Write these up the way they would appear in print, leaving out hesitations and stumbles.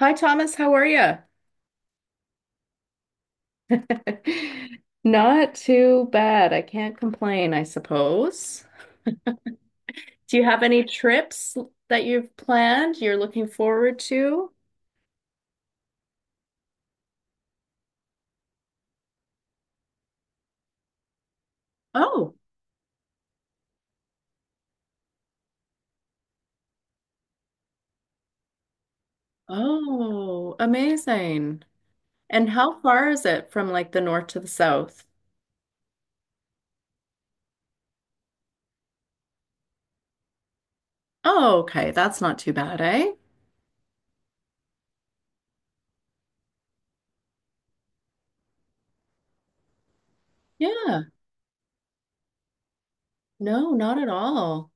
Hi, Thomas. How are you? Not too bad. I can't complain, I suppose. Do you have any trips that you've planned you're looking forward to? Oh, oh, amazing. And how far is it from like the north to the south? Oh, okay. That's not too bad, eh? Yeah. No, not at all.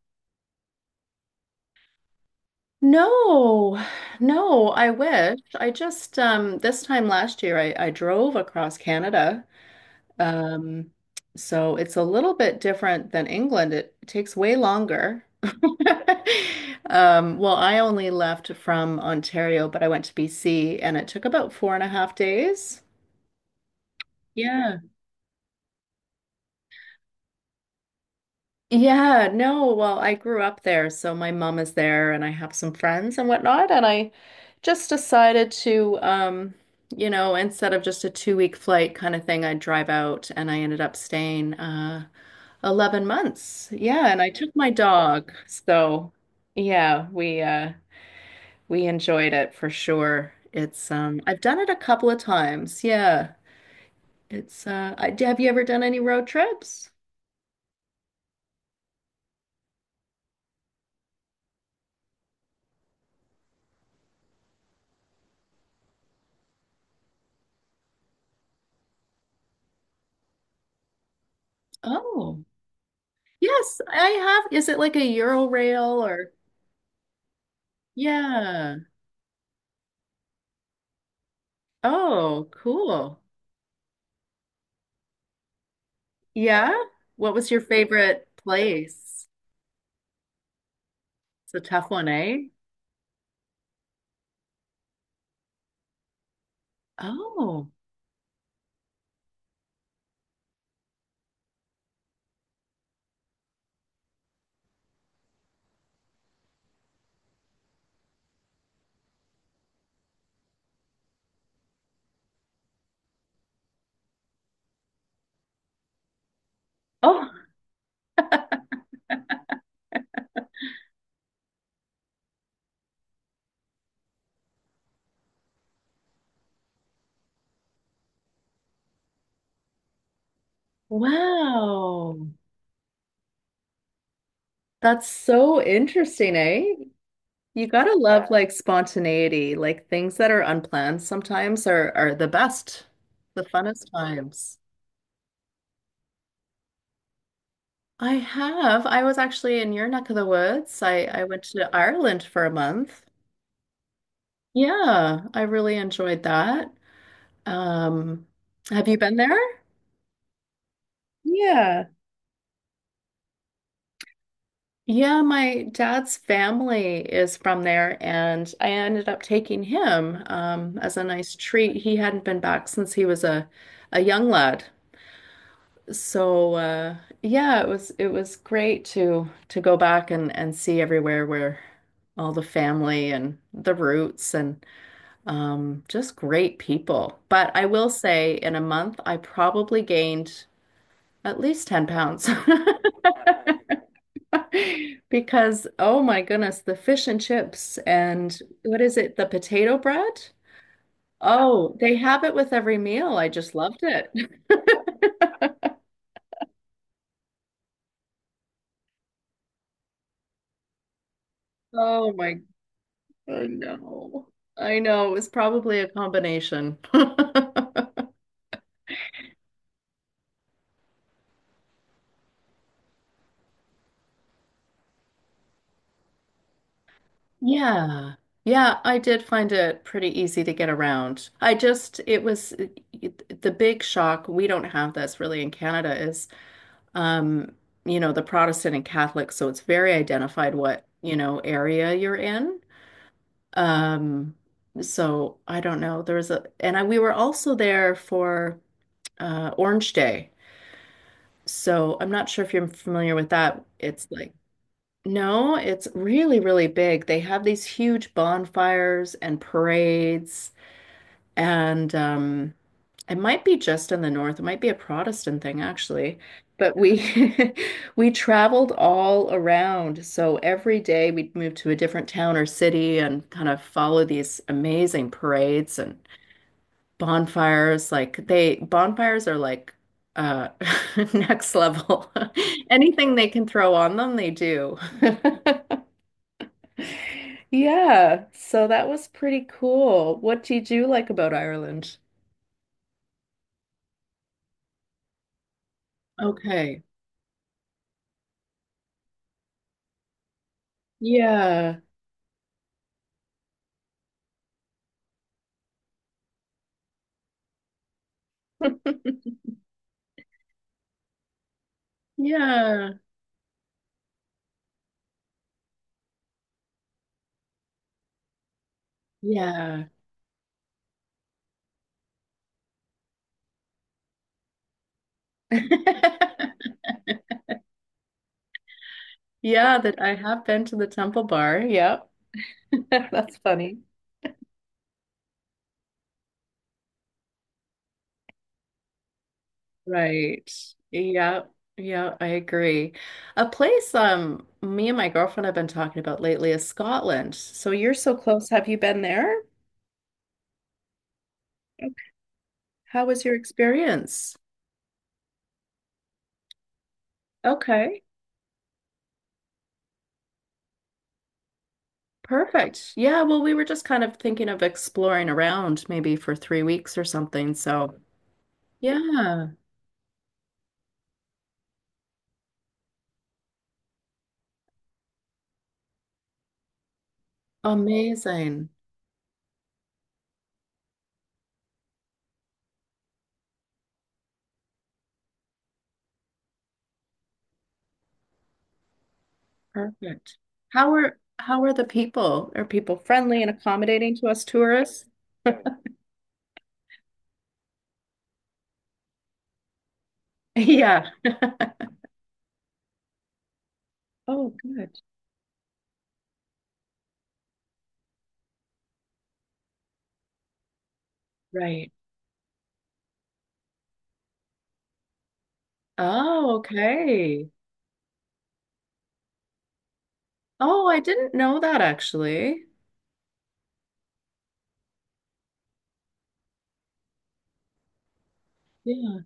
No, no, I wish. I just this time last year I drove across Canada. Um, so it's a little bit different than England. It takes way longer. Well, I only left from Ontario, but I went to BC and it took about four and a half days. Yeah. Yeah, no, well, I grew up there, so my mom is there and I have some friends and whatnot, and I just decided to you know, instead of just a 2 week flight kind of thing, I'd drive out and I ended up staying 11 months. Yeah, and I took my dog. So, yeah, we enjoyed it for sure. It's I've done it a couple of times. Yeah. It's have you ever done any road trips? Oh. Yes, I have. Is it like a Euro or Yeah. Oh, cool. Yeah. What was your favorite place? It's a tough one, eh? Oh. Oh, wow. That's so interesting, eh? You gotta love like spontaneity. Like things that are unplanned sometimes are the best, the funnest times. I have. I was actually in your neck of the woods. I went to Ireland for a month. Yeah, I really enjoyed that. Um, have you been there? Yeah. Yeah, my dad's family is from there, and I ended up taking him as a nice treat. He hadn't been back since he was a young lad. So yeah, it was great to go back and see everywhere where all the family and the roots and just great people. But I will say in a month I probably gained at least 10 pounds. Because oh my goodness, the fish and chips and what is it, the potato bread? Oh, they have it with every meal. I just loved it. Oh my. I know. I know. It was probably a combination. Yeah. Yeah, I did find it pretty easy to get around. It was the big shock. We don't have this really in Canada is, um, you know, the Protestant and Catholic. So it's very identified what, you know, area you're in. Um, so I don't know. There was a, and I, We were also there for Orange Day. So I'm not sure if you're familiar with that. It's like no, it's really, really big. They have these huge bonfires and parades, and it might be just in the north. It might be a Protestant thing, actually. But we we traveled all around. So every day we'd move to a different town or city and kind of follow these amazing parades and bonfires. Like they bonfires are like uh next level. Anything they can throw on them, they do. Yeah, so that was pretty cool. What did you like about Ireland? Okay. Yeah. Yeah. Yeah. Yeah, that I have been to the Temple Bar. Yep. That's funny. Right. Yeah. Yeah, I agree. A place me and my girlfriend have been talking about lately is Scotland. So you're so close. Have you been there? Okay. How was your experience? Okay. Perfect. Yeah, well, we were just kind of thinking of exploring around maybe for 3 weeks or something. So, yeah, amazing. Perfect. How are the people? Are people friendly and accommodating to us tourists? Yeah. Oh, good. Right. Oh, okay. Oh, I didn't know that actually. Yeah.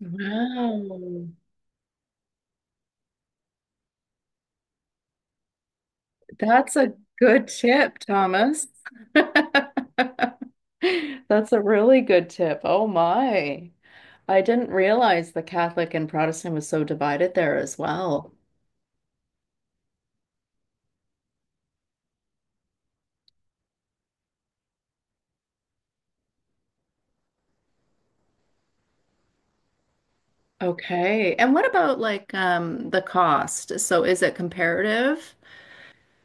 Wow. That's a good tip, Thomas. That's a really good tip. Oh my. I didn't realize the Catholic and Protestant was so divided there as well. Okay. And what about like the cost? So is it comparative?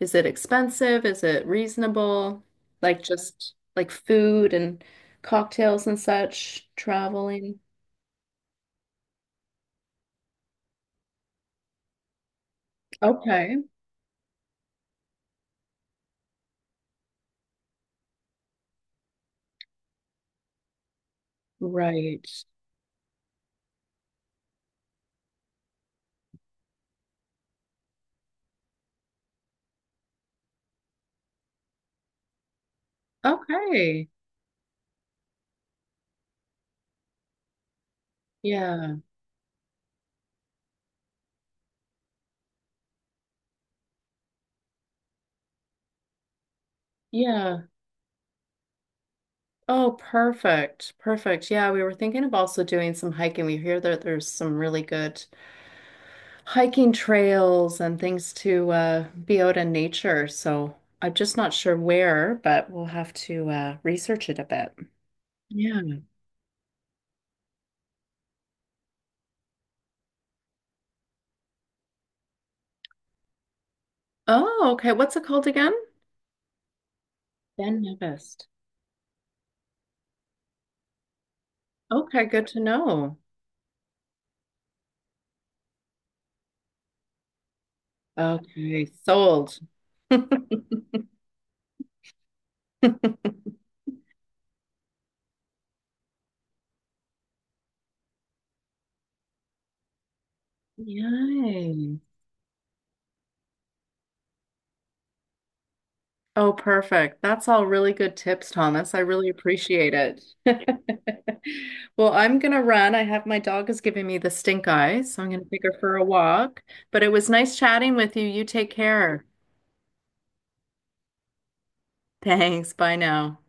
Is it expensive? Is it reasonable? Like just like food and cocktails and such, traveling. Okay. Right. Okay. Yeah. Yeah. Oh, perfect. Perfect. Yeah, we were thinking of also doing some hiking. We hear that there's some really good hiking trails and things to be out in nature. So I'm just not sure where, but we'll have to research it a bit. Yeah. Oh, okay. What's it called again? Ben Nevis. Okay, good to know. Okay, sold. Yay. Oh, perfect. That's all really good tips, Thomas. I really appreciate it. Well, I'm gonna run. I have my dog is giving me the stink eye, so I'm gonna take her for a walk. But it was nice chatting with you. You take care. Thanks. Bye now.